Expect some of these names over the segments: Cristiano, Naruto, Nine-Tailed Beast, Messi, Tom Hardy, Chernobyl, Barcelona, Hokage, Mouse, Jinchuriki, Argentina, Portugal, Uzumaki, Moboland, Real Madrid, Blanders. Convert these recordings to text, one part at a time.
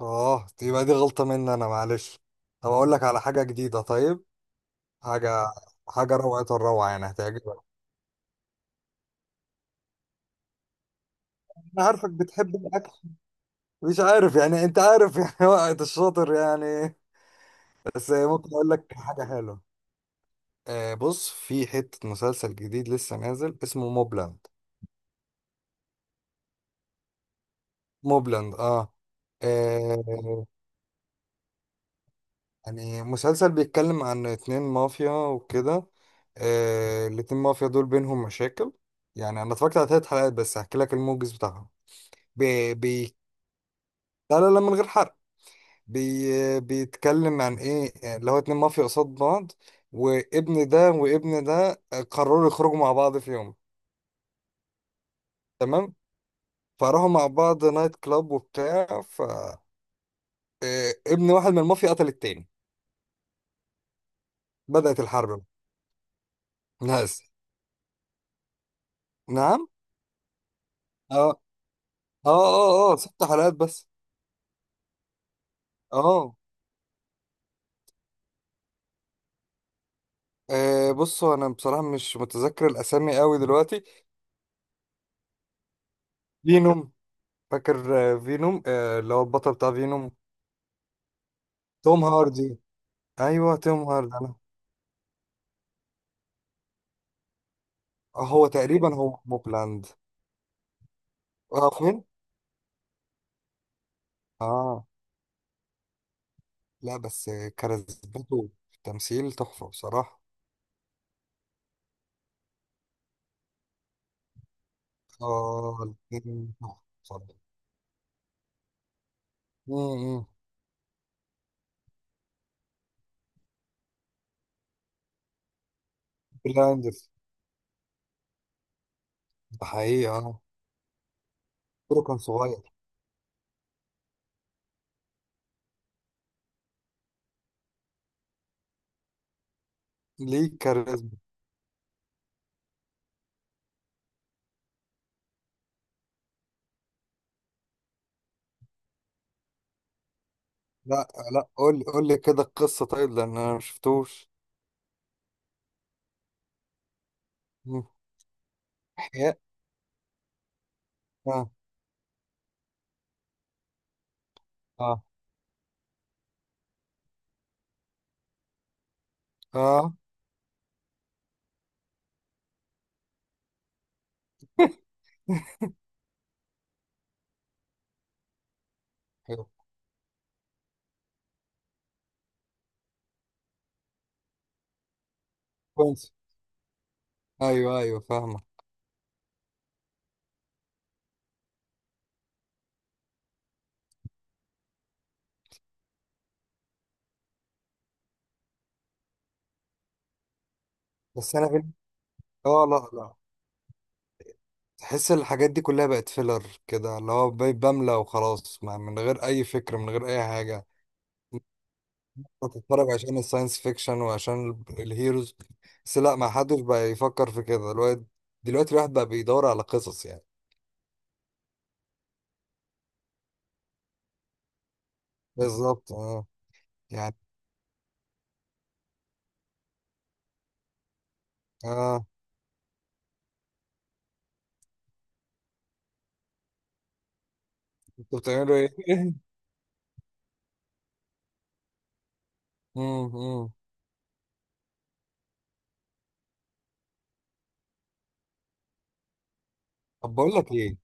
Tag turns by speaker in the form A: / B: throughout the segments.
A: اه دي يبقى غلطة مني انا، معلش. طب اقول لك على حاجة جديدة؟ طيب. حاجة. حاجة روعة الروعة، يعني هتعجبك. انا عارفك بتحب الاكل. مش عارف، يعني انت عارف يعني وقت الشاطر يعني. بس ممكن اقول لك حاجة حلوة؟ آه، بص، في حتة مسلسل جديد لسه نازل اسمه موبلاند. موبلاند اه. آه، يعني مسلسل بيتكلم عن اتنين مافيا وكده. آه، الاتنين مافيا دول بينهم مشاكل. يعني انا اتفرجت على ثلاث حلقات بس، هحكي لك الموجز بتاعهم. بي بي لا لا لا، من غير حرق. بي بيتكلم عن ايه، يعني اللي هو اتنين مافيا قصاد بعض، وابن ده وابن ده قرروا يخرجوا مع بعض في يوم. تمام. فراحوا مع بعض نايت كلاب وبتاع. ف إيه، ابن واحد من المافيا قتل التاني. بدأت الحرب. ناس. نعم. اه اه. اه، ست حلقات بس. اه. آه، بصوا، انا بصراحة مش متذكر الاسامي قوي دلوقتي. فينوم. فاكر آه، فينوم، آه، اللي هو البطل بتاع فينوم. توم هاردي. ايوه توم هاردي انا. آه، هو تقريبا هو موبلاند. اه فين. اه. لا بس كاريزمته في التمثيل تحفه بصراحه. اه الاتنين تحفة بصراحه. امم بلاندرز. ده حقيقي اه. دوره كان صغير. ليه كاريزما. لا لا، قول لي قول لي كده القصه طيب، لان انا ما شفتوش. مم. احياء. اه. اه. اه. حلو. كويس. ايوه ايوه فاهمه. بس انا في. اه لا لا. تحس الحاجات دي كلها بقت فيلر كده، اللي هو بملى وخلاص، من غير اي فكرة من غير اي حاجة. بتتفرج عشان الساينس فيكشن وعشان الهيروز. بس لا، ما حدش بقى يفكر في كده الواد. دلوقتي الواحد بقى بيدور على قصص يعني. بالظبط اه. يعني. اه. انتوا بتعملوا ايه؟ مم، مم. طب بقول لك ايه؟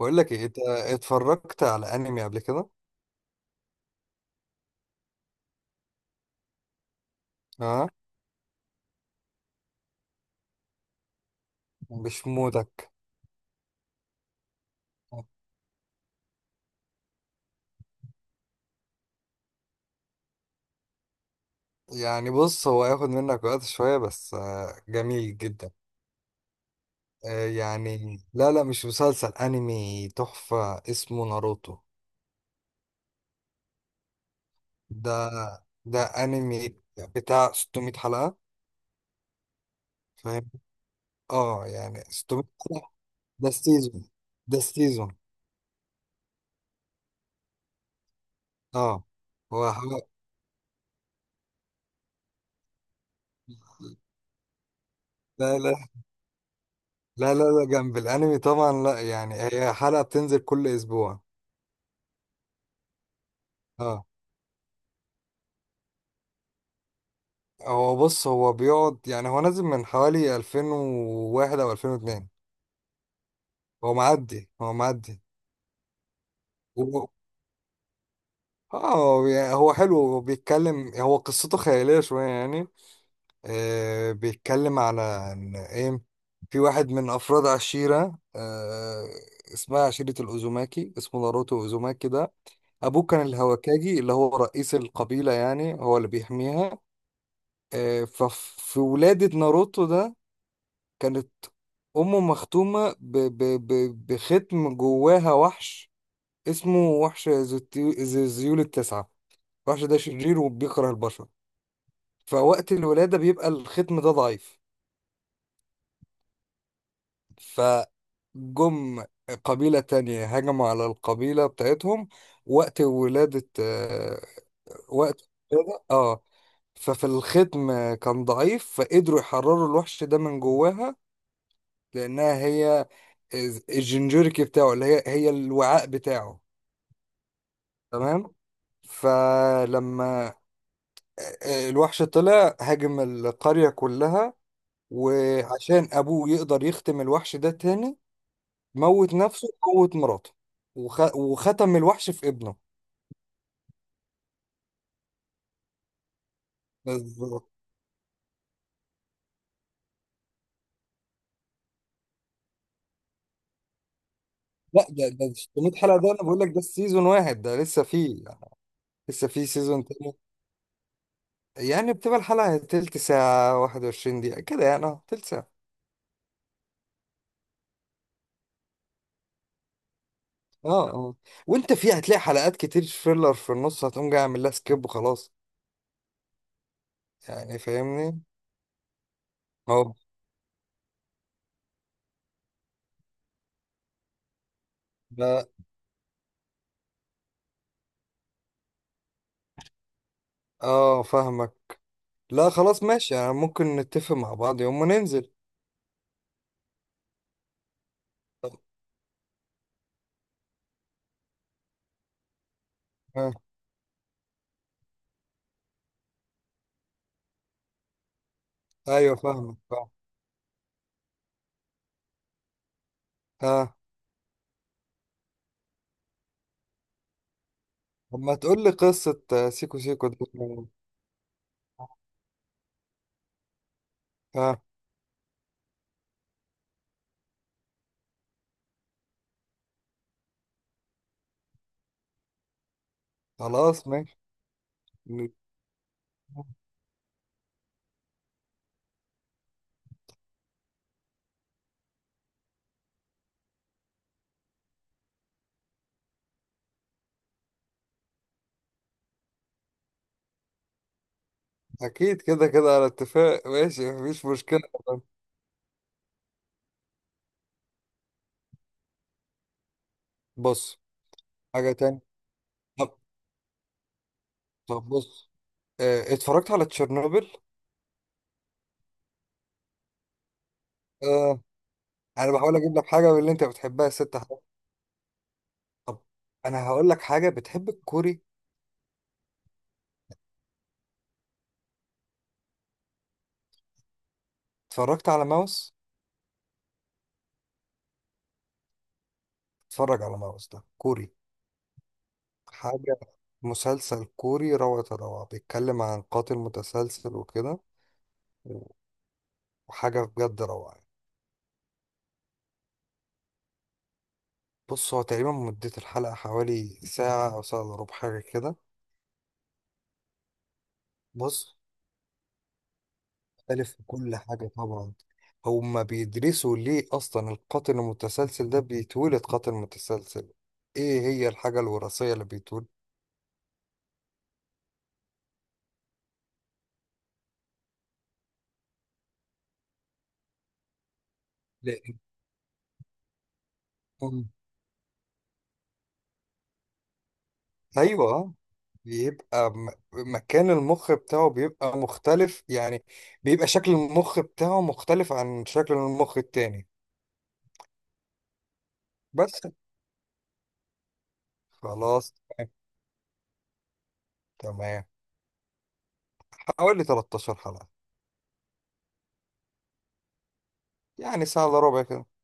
A: بقول لك ايه، انت اتفرجت على انمي قبل كده؟ اه. مش مودك. يعني بص، هو هياخد منك وقت شوية بس آه، جميل جدا. آه، يعني لا، مش مسلسل، انمي تحفة اسمه ناروتو. ده. ده انمي بتاع 600 حلقة. فاهم. اه يعني 600 حلقة. ده السيزون. ده السيزون. اه هو حلقة. لا لا لا جنب الانمي طبعا، لا، يعني هي حلقة بتنزل كل اسبوع. اه. هو بص، هو بيقعد، يعني هو نازل من حوالي 2001 او 2002. هو معدي هو معدي. و- اه هو يعني هو حلو، هو بيتكلم، هو قصته خيالية شوية يعني. آه، بيتكلم على ان ايه، في واحد من افراد عشيرة آه، اسمها عشيرة الأوزوماكي، اسمه ناروتو أوزوماكي ده. أبوه كان الهوكاجي، اللي هو رئيس القبيلة يعني، هو اللي بيحميها. آه ففي ولادة ناروتو ده كانت أمه مختومة ب بختم جواها وحش. اسمه وحش ذي الذيول التسعة. الوحش ده شرير وبيكره البشر. فوقت الولادة بيبقى الختم ده ضعيف. فجم قبيلة تانية هجموا على القبيلة بتاعتهم وقت ولادة آه، وقت الولادة اه. ففي الختم كان ضعيف، فقدروا يحرروا الوحش ده من جواها، لأنها هي الجنجوريكي بتاعه، اللي هي هي الوعاء بتاعه. تمام. فلما آه، آه، الوحش طلع هاجم القرية كلها، وعشان أبوه يقدر يختم الوحش ده تاني، موت نفسه وموت مراته وختم الوحش في ابنه. بالظبط. لا ده، ده 600 حلقة ده انا بقول لك ده سيزون واحد، ده لسه فيه يعني، لسه فيه سيزون تاني. يعني بتبقى الحلقة تلت ساعة، 21 دقيقة كده يعني، اه تلت ساعة. اه اه. وانت فيه هتلاقي حلقات كتير فيلر في النص، هتقوم جاي عامل لها سكيب وخلاص. يعني فاهمني؟ اه. لا. اه فاهمك. لا خلاص ماشي، يعني ممكن نتفق مع بعض يوم وننزل. آه. ايوه فاهمك فاهم. اه. طب ما تقول لي قصة آه، سيكو سيكو ده. ها. خلاص ماشي. أكيد كده كده على اتفاق، ماشي مفيش مشكلة. بص. حاجة تانية. طب. طب بص، آه، اتفرجت على تشيرنوبل؟ آه. أنا بحاول أجيب لك حاجة من اللي أنت بتحبها، الست حاجات. طب أنا هقول لك حاجة، بتحب الكوري؟ اتفرجت على ماوس؟ اتفرج على ماوس، ده كوري. حاجة. مسلسل كوري، روعة الروعة، بيتكلم عن قاتل متسلسل وكده. وحاجة بجد روعة. بص، هو تقريبا مدة الحلقة حوالي ساعة أو ساعة إلا ربع، حاجة كده. بص، مختلف في كل حاجة طبعا. هما بيدرسوا ليه أصلا القاتل المتسلسل ده بيتولد قاتل متسلسل. إيه هي الحاجة الوراثية اللي بيتولد؟ لأنهم. أيوه. بيبقى مكان المخ بتاعه بيبقى مختلف، يعني بيبقى شكل المخ بتاعه مختلف عن شكل المخ التاني. بس. خلاص. تمام. حوالي 13 حلقة. يعني ساعة إلا ربع كده.